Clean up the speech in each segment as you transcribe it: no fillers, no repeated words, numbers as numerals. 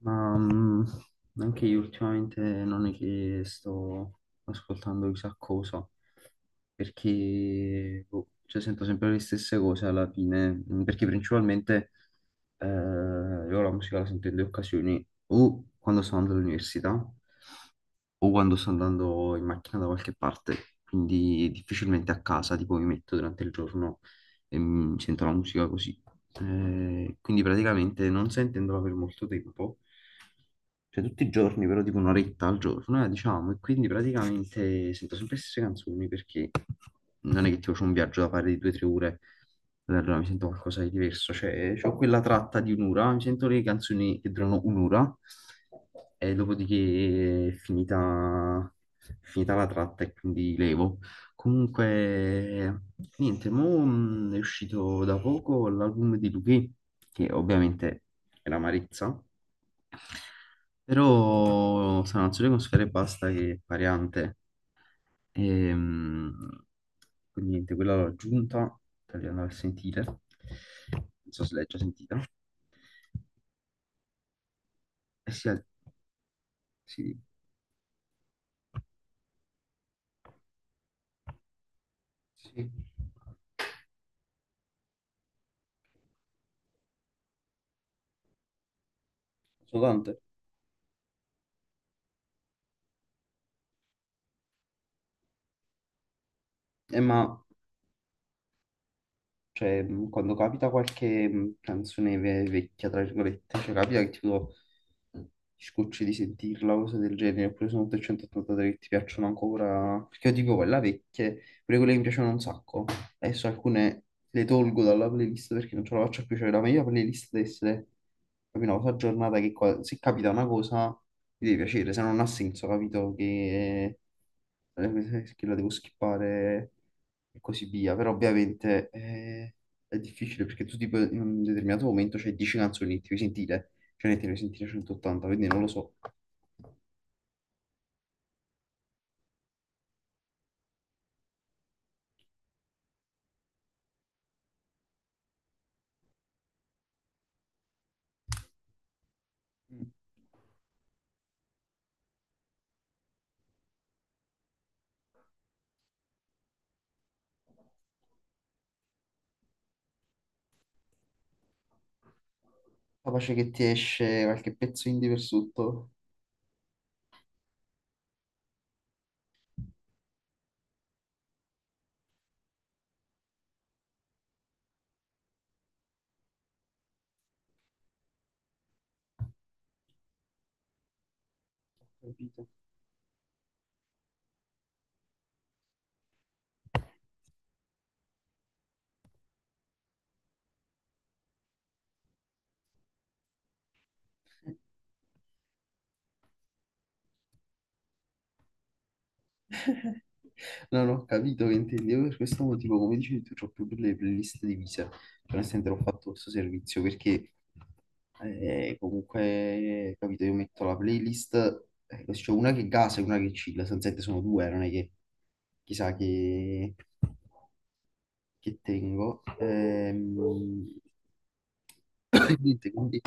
Ma mm, anche io ultimamente non è che sto ascoltando chissà cosa, perché boh, cioè, sento sempre le stesse cose alla fine, perché principalmente io la musica la sento in due occasioni, o quando sto andando all'università, o quando sto andando in macchina da qualche parte, quindi difficilmente a casa, tipo mi metto durante il giorno e mi sento la musica così. Quindi praticamente non sentendola per molto tempo, cioè tutti i giorni, però tipo un'oretta al giorno, diciamo, e quindi praticamente sento sempre le stesse canzoni perché non è che tipo c'ho un viaggio da fare di due o tre ore, allora mi sento qualcosa di diverso, cioè ho quella tratta di un'ora, mi sento le canzoni che durano un'ora e dopodiché è finita la tratta e quindi levo. Comunque, niente, mo è uscito da poco l'album di Luchè, che ovviamente è la Marezza. Però sarà una solo con sfera e pasta che è variante. Ehm, quindi niente, quella l'ho aggiunta, tagliando per sentire. Non so se l'hai già sentita. Eh sì, sì, sì. Sono tante. Ma cioè, quando capita qualche canzone vecchia, tra virgolette, cioè capita che tipo ti scocci di sentirla, cose del genere, oppure sono 883 che ti piacciono ancora, perché io dico quella vecchia, pure quelle che mi piacevano un sacco, adesso alcune le tolgo dalla playlist perché non ce la faccio più, cioè la mia playlist deve essere proprio una cosa aggiornata che se capita una cosa mi deve piacere, se no non ha senso, capito? Che la devo skippare e così via. Però ovviamente è difficile perché tu tipo in un determinato momento c'hai 10 canzoni e ti devi sentire, cioè ne ti devi sentire 180, quindi non lo so. Mm. Capace che ti esce qualche pezzo indie per sotto, capito? Non ho capito che intendi. Io per questo motivo, come dicevi tu, ho più le playlist divise. Cioè, nel senso, ho fatto questo servizio perché comunque, capito, io metto la playlist, così c'è una che gasa e una che chill. Sostanzialmente sono due, non è che chissà che tengo. Niente, quindi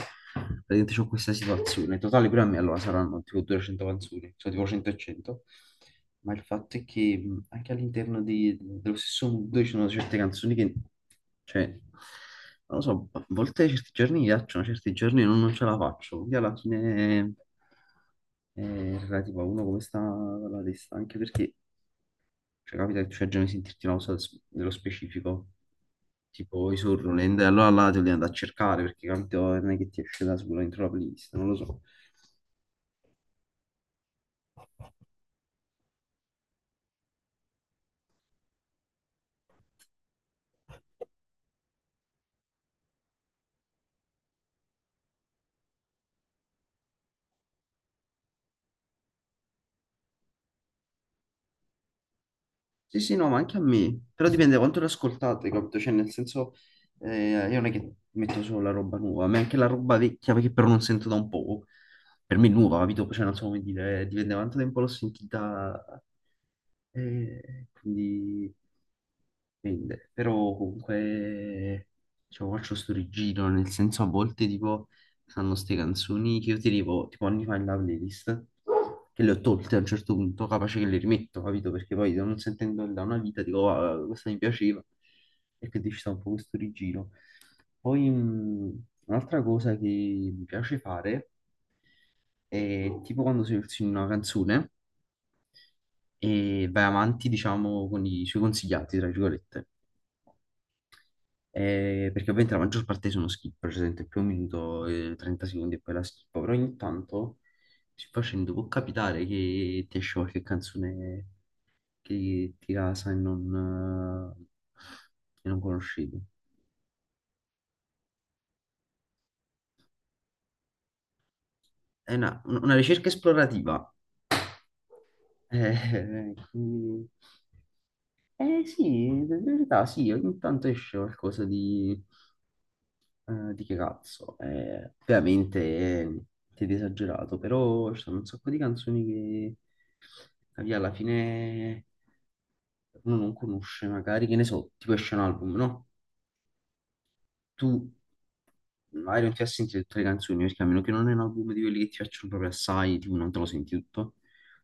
praticamente c'ho questa situazione. In totale pure a me allora saranno tipo 200 canzoni, sono tipo 100 e 100. Ma il fatto è che anche all'interno dello stesso mood ci sono certe canzoni che, cioè, non lo so, a volte certi giorni mi piacciono, certi giorni non ce la faccio. Quindi alla fine è relativo a uno come sta la testa, anche perché cioè, capita che tu hai già sentirti una cosa dello specifico tipo i Sorroland, allora là te li andare a cercare perché capito, non è che ti esce da solo dentro la playlist, non lo so. Sì, sì, no, ma anche a me, però dipende da quanto le ascoltate, capito? Cioè, nel senso, io non è che metto solo la roba nuova, ma anche la roba vecchia che però non sento da un po', per me è nuova, capito? Cioè, non so come dire, dipende da quanto tempo l'ho sentita, quindi... dipende. Però comunque cioè, faccio sto rigiro, nel senso a volte tipo fanno ste canzoni che io tenevo tipo anni fa in la playlist, che le ho tolte a un certo punto, capace che le rimetto, capito? Perché poi non sentendo da una vita dico, "Ah, questa mi piaceva", e quindi ci sta un po' questo rigiro. Poi un'altra cosa che mi piace fare è tipo quando si una canzone e vai avanti, diciamo, con i suoi consigliati, tra virgolette. Perché ovviamente la maggior parte sono skip, per esempio più un minuto e 30 secondi e poi la skippo, però ogni tanto si facendo può capitare che ti esce qualche canzone che ti casa e non conoscevi. È una ricerca esplorativa. Eh, quindi- sì, in verità sì, ogni tanto esce qualcosa di, eh, di che cazzo? Ovviamente è niente di esagerato, però ci sono un sacco di canzoni che capì, alla fine uno non conosce, magari che ne so, tipo esce un album, no? Tu magari non ti vai a sentire tutte le canzoni, perché a meno che non è un album di quelli che ti piacciono proprio assai, tipo non te lo senti tutto,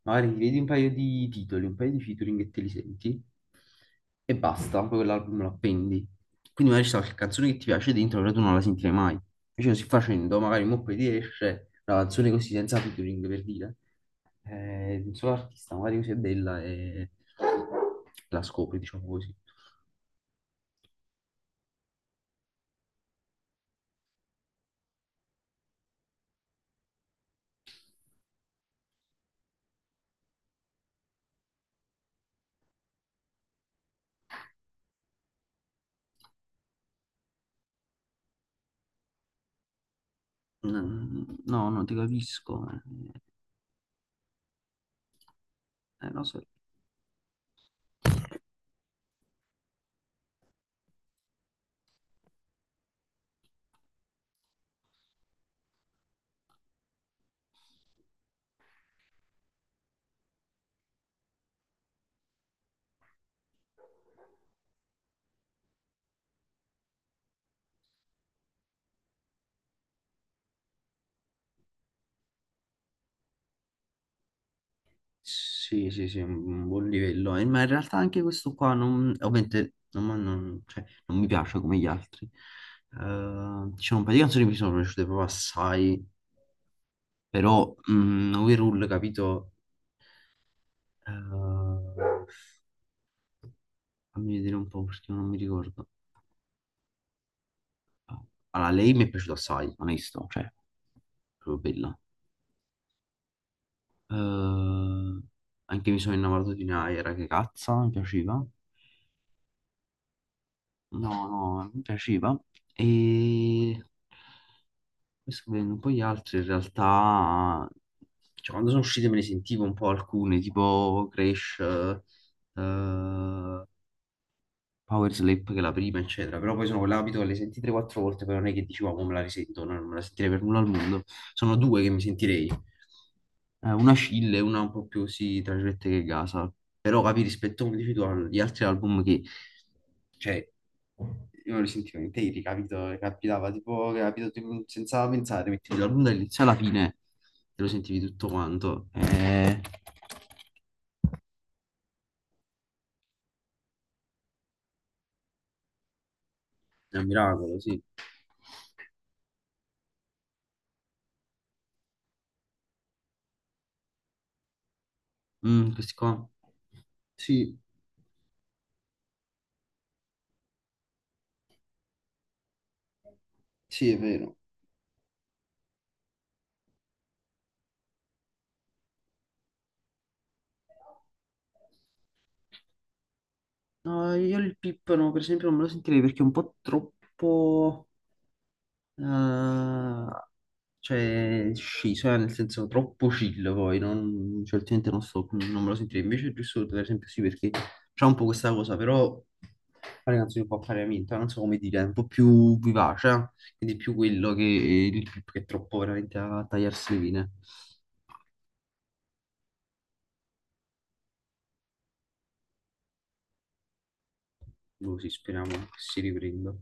magari ti vedi un paio di titoli, un paio di featuring e te li senti, e basta, poi quell'album lo appendi. Quindi magari c'è qualche canzone che ti piace dentro, però tu non la sentirai mai. Invece così facendo, magari mo poi ti esce una canzone così senza featuring, per dire, di un solo artista, magari così è bella e la scopri, diciamo così. No, non ti capisco, non so. Sì, sì, sì, un buon livello. Ma in realtà anche questo qua non, ovviamente non, ma non- cioè, non mi piace come gli altri. Diciamo, un paio di canzoni mi sono piaciute proprio assai, però overall, capito? Eh, fammi vedere un po' perché non mi ricordo. Allora, lei mi è piaciuta assai, onesto, cioè, proprio bella. Eh, anche mi sono innamorato di Naira, che cazzo, mi piaceva. No, no, mi piaceva. E poi sto vedendo un po' gli altri, in realtà, cioè, quando sono uscite me ne sentivo un po' alcune, tipo Crash, Power Slap, che è la prima, eccetera. Però poi sono quell'abito che le senti 3-4 volte, però non è che dici, "Wow, mo me la risento", no, non me la sentirei per nulla al mondo. Sono due che mi sentirei. Una Scilla e una un po' più, sì, tra virgolette, che gasa. Però capi, rispetto, come dici tu, agli altri album che cioè, io lo sentivo interi, capito? Capitava tipo, capito, tipo, senza pensare, mettevi l'album dall'inizio alla fine e lo sentivi tutto quanto. È un miracolo, sì. Mm, questi qua. Sì, sì, è vero. No, io il Pippano, per esempio, non me lo sentirei perché è un po' troppo... Ah, cioè, sciso, nel senso troppo chill poi, non, cioè, ultimamente non sto, non me lo sentirei, invece giusto per esempio sì, perché c'è un po' questa cosa, però fare canzoni un po' a parimento, non so come dire, è un po' più vivace, eh? Quindi più quello che il trip che è troppo veramente a tagliarsi le vene, così speriamo che si riprenda.